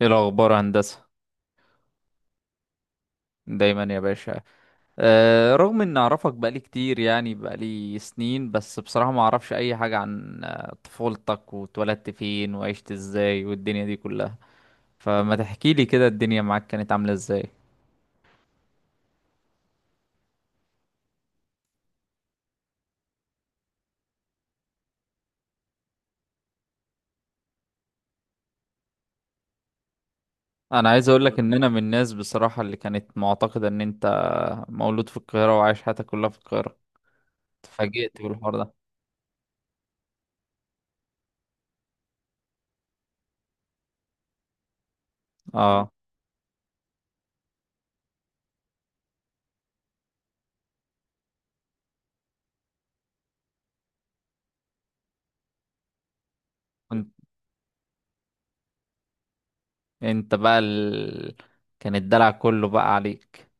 ايه الاخبار يا هندسه؟ دايما يا باشا. رغم ان اعرفك بقالي كتير، يعني بقالي سنين، بس بصراحه ما اعرفش اي حاجه عن طفولتك، واتولدت فين، وعشت ازاي، والدنيا دي كلها. فما تحكي لي كده الدنيا معاك كانت عامله ازاي؟ انا عايز اقول لك ان انا من الناس بصراحه اللي كانت معتقده ان انت مولود في القاهره، وعايش حياتك كلها في القاهره. اتفاجئت بالحوار ده. اه، كنت انت بقى ال... كان الدلع كله بقى عليك.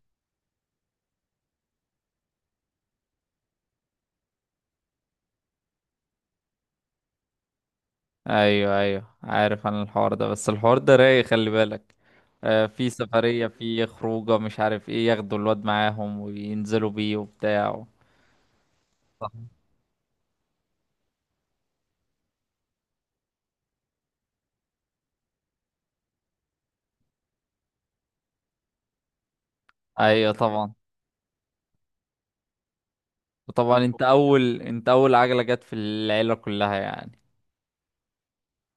ايوه، ايوه، عارف عن الحوار ده، بس الحوار ده رايق خلي بالك. في سفرية، في خروجة، مش عارف ايه، ياخدوا الواد معاهم وينزلوا بيه وبتاع. صح. ايوه طبعا. وطبعا انت اول عجلة جت في العيلة كلها يعني.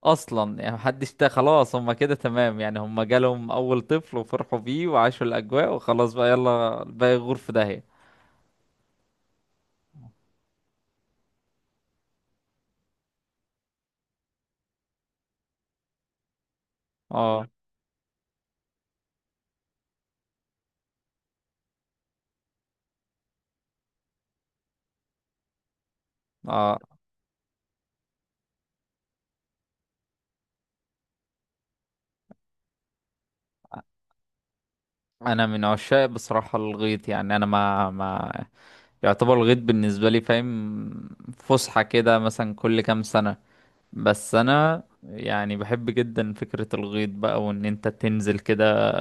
اصلا يعني محدش خلاص، هما كده تمام يعني، هما جالهم اول طفل وفرحوا بيه وعاشوا الاجواء وخلاص، بقى يلا الباقي يغور في داهية. اه. اه، انا من عشاق بصراحة الغيط، يعني انا ما يعتبر الغيط بالنسبة لي فاهم، فسحة كده مثلا كل كام سنة. بس أنا يعني بحب جدا فكرة الغيط بقى، وإن أنت تنزل كده.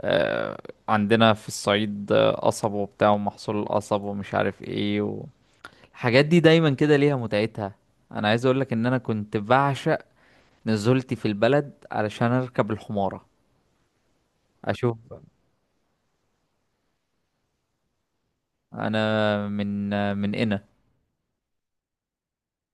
آه، عندنا في الصعيد قصب وبتاع، ومحصول القصب، ومش عارف إيه الحاجات دي دايما كده ليها متعتها. أنا عايز أقولك إن أنا كنت بعشق نزولتي في البلد علشان أركب الحمارة. أشوف. أنا من قنا.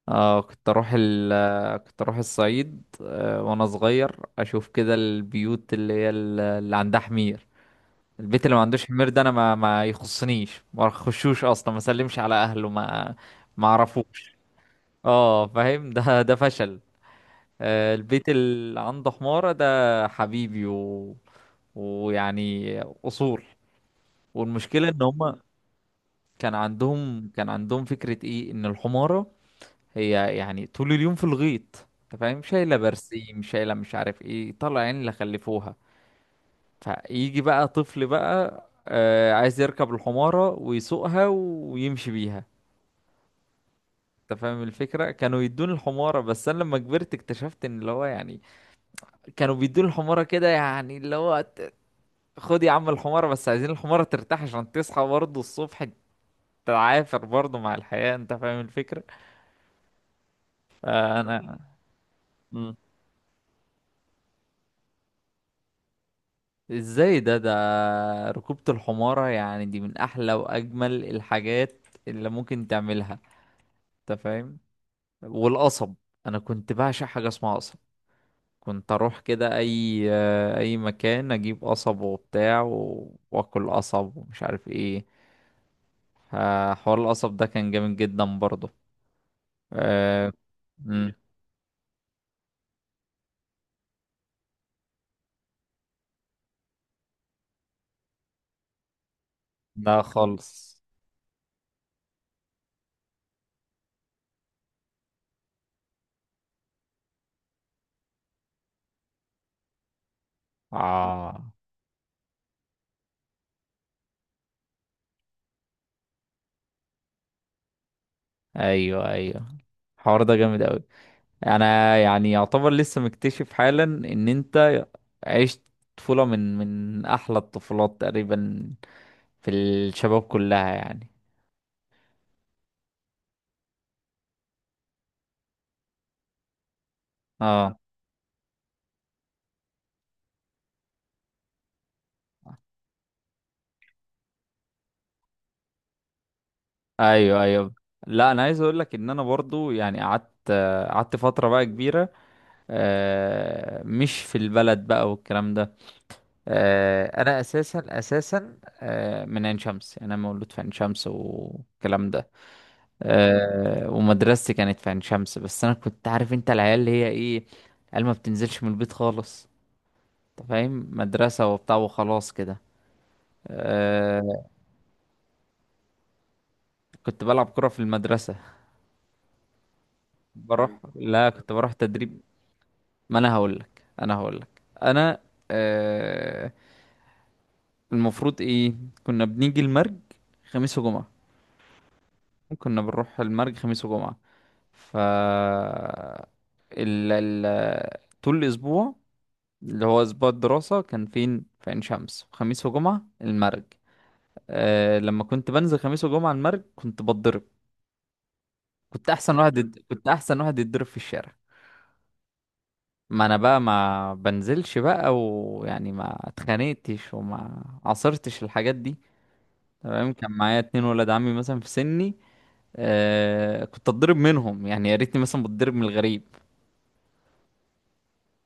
اه، كنت اروح الصعيد، وانا صغير، اشوف كده البيوت اللي هي اللي عندها حمير. البيت اللي ما عندوش حمير ده انا ما يخصنيش، ما اخشوش اصلا، ما اسلمش على اهله، ما اعرفوش. اه فاهم، ده فشل. البيت اللي عنده حمارة ده حبيبي ويعني اصول. والمشكلة ان هما كان عندهم فكرة ايه ان الحمارة هي يعني طول اليوم في الغيط، انت فاهم، شايله برسيم، شايله مش عارف ايه، طلع عين اللي خلفوها. فيجي بقى طفل بقى عايز يركب الحماره ويسوقها ويمشي بيها. انت فاهم الفكره، كانوا يدوني الحماره، بس انا لما كبرت اكتشفت ان اللي هو يعني كانوا بيدوني الحماره كده، يعني اللي هو خد يا عم الحماره، بس عايزين الحماره ترتاح عشان تصحى برضه الصبح، تعافر برضه مع الحياه، انت فاهم الفكره. فانا. ازاي ده؟ ركوبة الحمارة يعني دي من احلى واجمل الحاجات اللي ممكن تعملها، انت فاهم. والقصب، انا كنت بعشق حاجة اسمها قصب. كنت اروح كده اي مكان اجيب قصب وبتاع واكل قصب ومش عارف ايه. حوار القصب ده كان جامد جدا برضه. أه... مم. لا خالص. اه، ايوه، ايوه، الحوار ده جامد اوي. انا يعني يعتبر لسه مكتشف حالا ان انت عشت طفولة من احلى الطفولات تقريبا في الشباب كلها يعني. اه، ايوه، ايوه. لا، انا عايز اقول لك ان انا برضو، يعني قعدت فترة بقى كبيرة، مش في البلد بقى والكلام ده. انا اساسا اساسا، من عين شمس، يعني انا مولود في عين شمس والكلام ده. ومدرستي كانت في عين شمس، بس انا كنت عارف انت العيال اللي هي ايه، قال ما بتنزلش من البيت خالص، انت فاهم، مدرسة وبتاع وخلاص كده. آه كنت بلعب كرة في المدرسة. لا، كنت بروح تدريب. ما انا هقول لك انا، آه المفروض ايه، كنا بنيجي المرج خميس وجمعة. كنا بنروح المرج خميس وجمعة. ف ال... ال... طول الاسبوع، اللي هو أسبوع الدراسة، كان فين في عين شمس، خميس وجمعة المرج. لما كنت بنزل خميس وجمعة المرج كنت بتضرب. كنت أحسن واحد يتضرب في الشارع. ما أنا بقى ما بنزلش بقى، ويعني ما اتخانقتش وما عصرتش الحاجات دي، تمام. كان معايا 2 ولاد عمي مثلا في سني. كنت أتضرب منهم، يعني يا ريتني مثلا بتضرب من الغريب.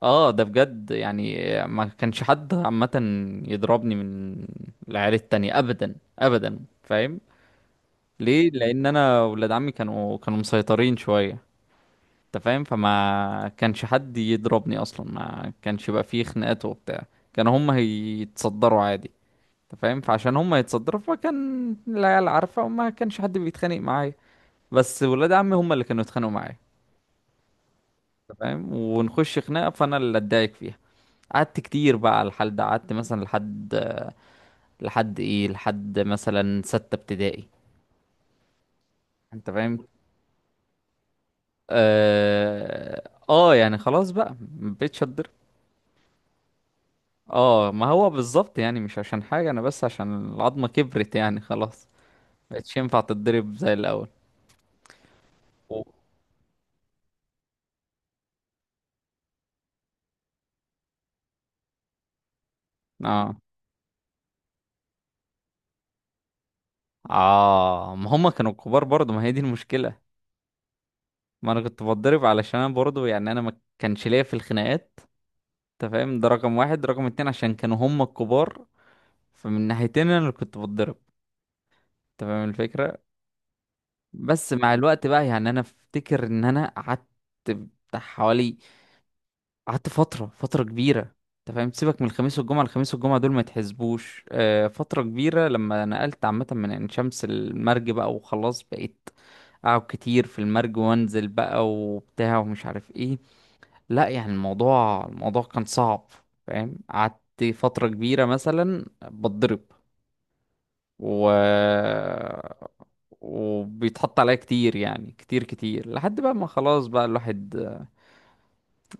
اه، ده بجد يعني، ما كانش حد عامة يضربني من العيال التانية ابدا ابدا، فاهم؟ ليه؟ لان انا ولاد عمي كانوا مسيطرين شوية، انت فاهم، فما كانش حد يضربني اصلا، ما كانش يبقى فيه خناقات وبتاع، كانوا هم هيتصدروا عادي. انت فاهم، فعشان هم يتصدروا فكان العيال عارفة، وما كانش حد بيتخانق معايا، بس ولاد عمي هم اللي كانوا يتخانقوا معايا. انت فاهم، ونخش خناقة فانا اللي اتضايق فيها. قعدت كتير بقى على الحال ده، قعدت مثلا لحد، لحد ايه لحد مثلا ستة ابتدائي، انت فاهم. اه. يعني خلاص بقى، مبقتش اتضرب. اه، ما هو بالظبط، يعني مش عشان حاجة انا، بس عشان العظمة كبرت يعني، خلاص مبقتش ينفع تتضرب زي الاول و- اه، اه، ما هما كانوا كبار برضه، ما هي دي المشكلة. ما انا كنت بتضرب علشان انا برضه، يعني انا ما كانش ليا في الخناقات، انت فاهم، ده رقم واحد. رقم اتنين، عشان كانوا هما الكبار، فمن ناحيتين انا اللي كنت بتضرب، تمام الفكره. بس مع الوقت بقى يعني انا افتكر ان انا قعدت بتاع حوالي، قعدت فتره كبيره، انت فاهم. سيبك من الخميس والجمعه، الخميس والجمعه دول ما يتحسبوش. فتره كبيره لما نقلت عامه من عين شمس المرج بقى، وخلاص بقيت اقعد كتير في المرج وانزل بقى وبتاع ومش عارف ايه. لا يعني الموضوع كان صعب، فاهم. قعدت فتره كبيره مثلا بتضرب، و وبيتحط عليا كتير، يعني كتير كتير، لحد بقى ما خلاص بقى الواحد،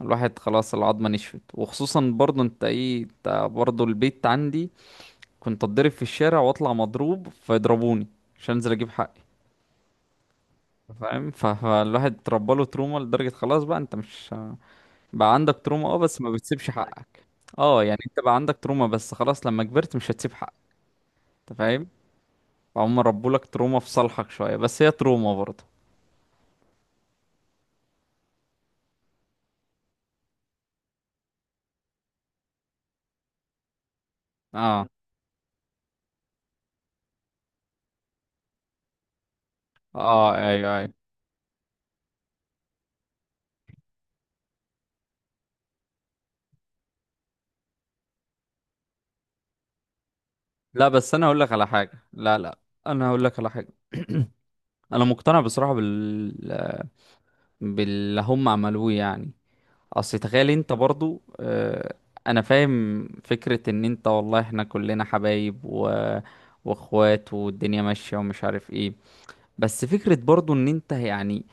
خلاص العظمة نشفت. وخصوصا برضو انت ايه، انت برضو البيت عندي كنت اتضرب في الشارع واطلع مضروب فيضربوني عشان انزل اجيب حقي، فاهم. فالواحد اتربى له تروما لدرجة خلاص بقى، انت مش بقى عندك تروما، اه، بس ما بتسيبش حقك. اه، يعني انت بقى عندك تروما، بس خلاص لما كبرت مش هتسيب حقك، انت فاهم. فهم ربوا لك تروما في صالحك شوية، بس هي تروما برضه. اه، اه، ايوه، ايوه. لا، بس انا هقول لك على حاجه، لا لا، انا هقول لك على حاجه انا مقتنع بصراحه باللي هم عملوه يعني. اصل تخيل انت برضو، انا فاهم فكره ان انت والله احنا كلنا حبايب واخوات، والدنيا ماشيه ومش عارف ايه. بس فكره برضو ان انت يعني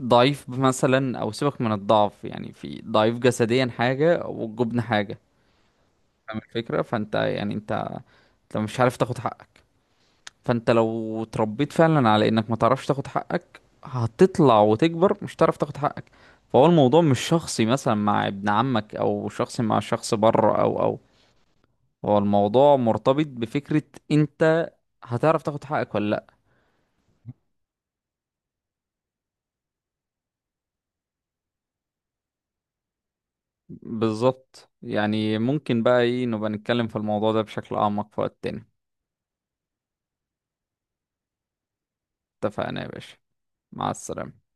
ضعيف مثلا، او سيبك من الضعف، يعني في ضعيف جسديا حاجه والجبن حاجه، فاهم الفكره. فانت يعني انت مش عارف تاخد حقك. فانت لو اتربيت فعلا على انك ما تعرفش تاخد حقك، هتطلع وتكبر مش هتعرف تاخد حقك. فهو الموضوع مش شخصي مثلا مع ابن عمك، او شخصي مع شخص بره، او هو الموضوع مرتبط بفكرة انت هتعرف تاخد حقك ولا لا. بالظبط، يعني ممكن بقى ايه نبقى نتكلم في الموضوع ده بشكل اعمق في وقت تاني. اتفقنا يا باشا. مع السلامة.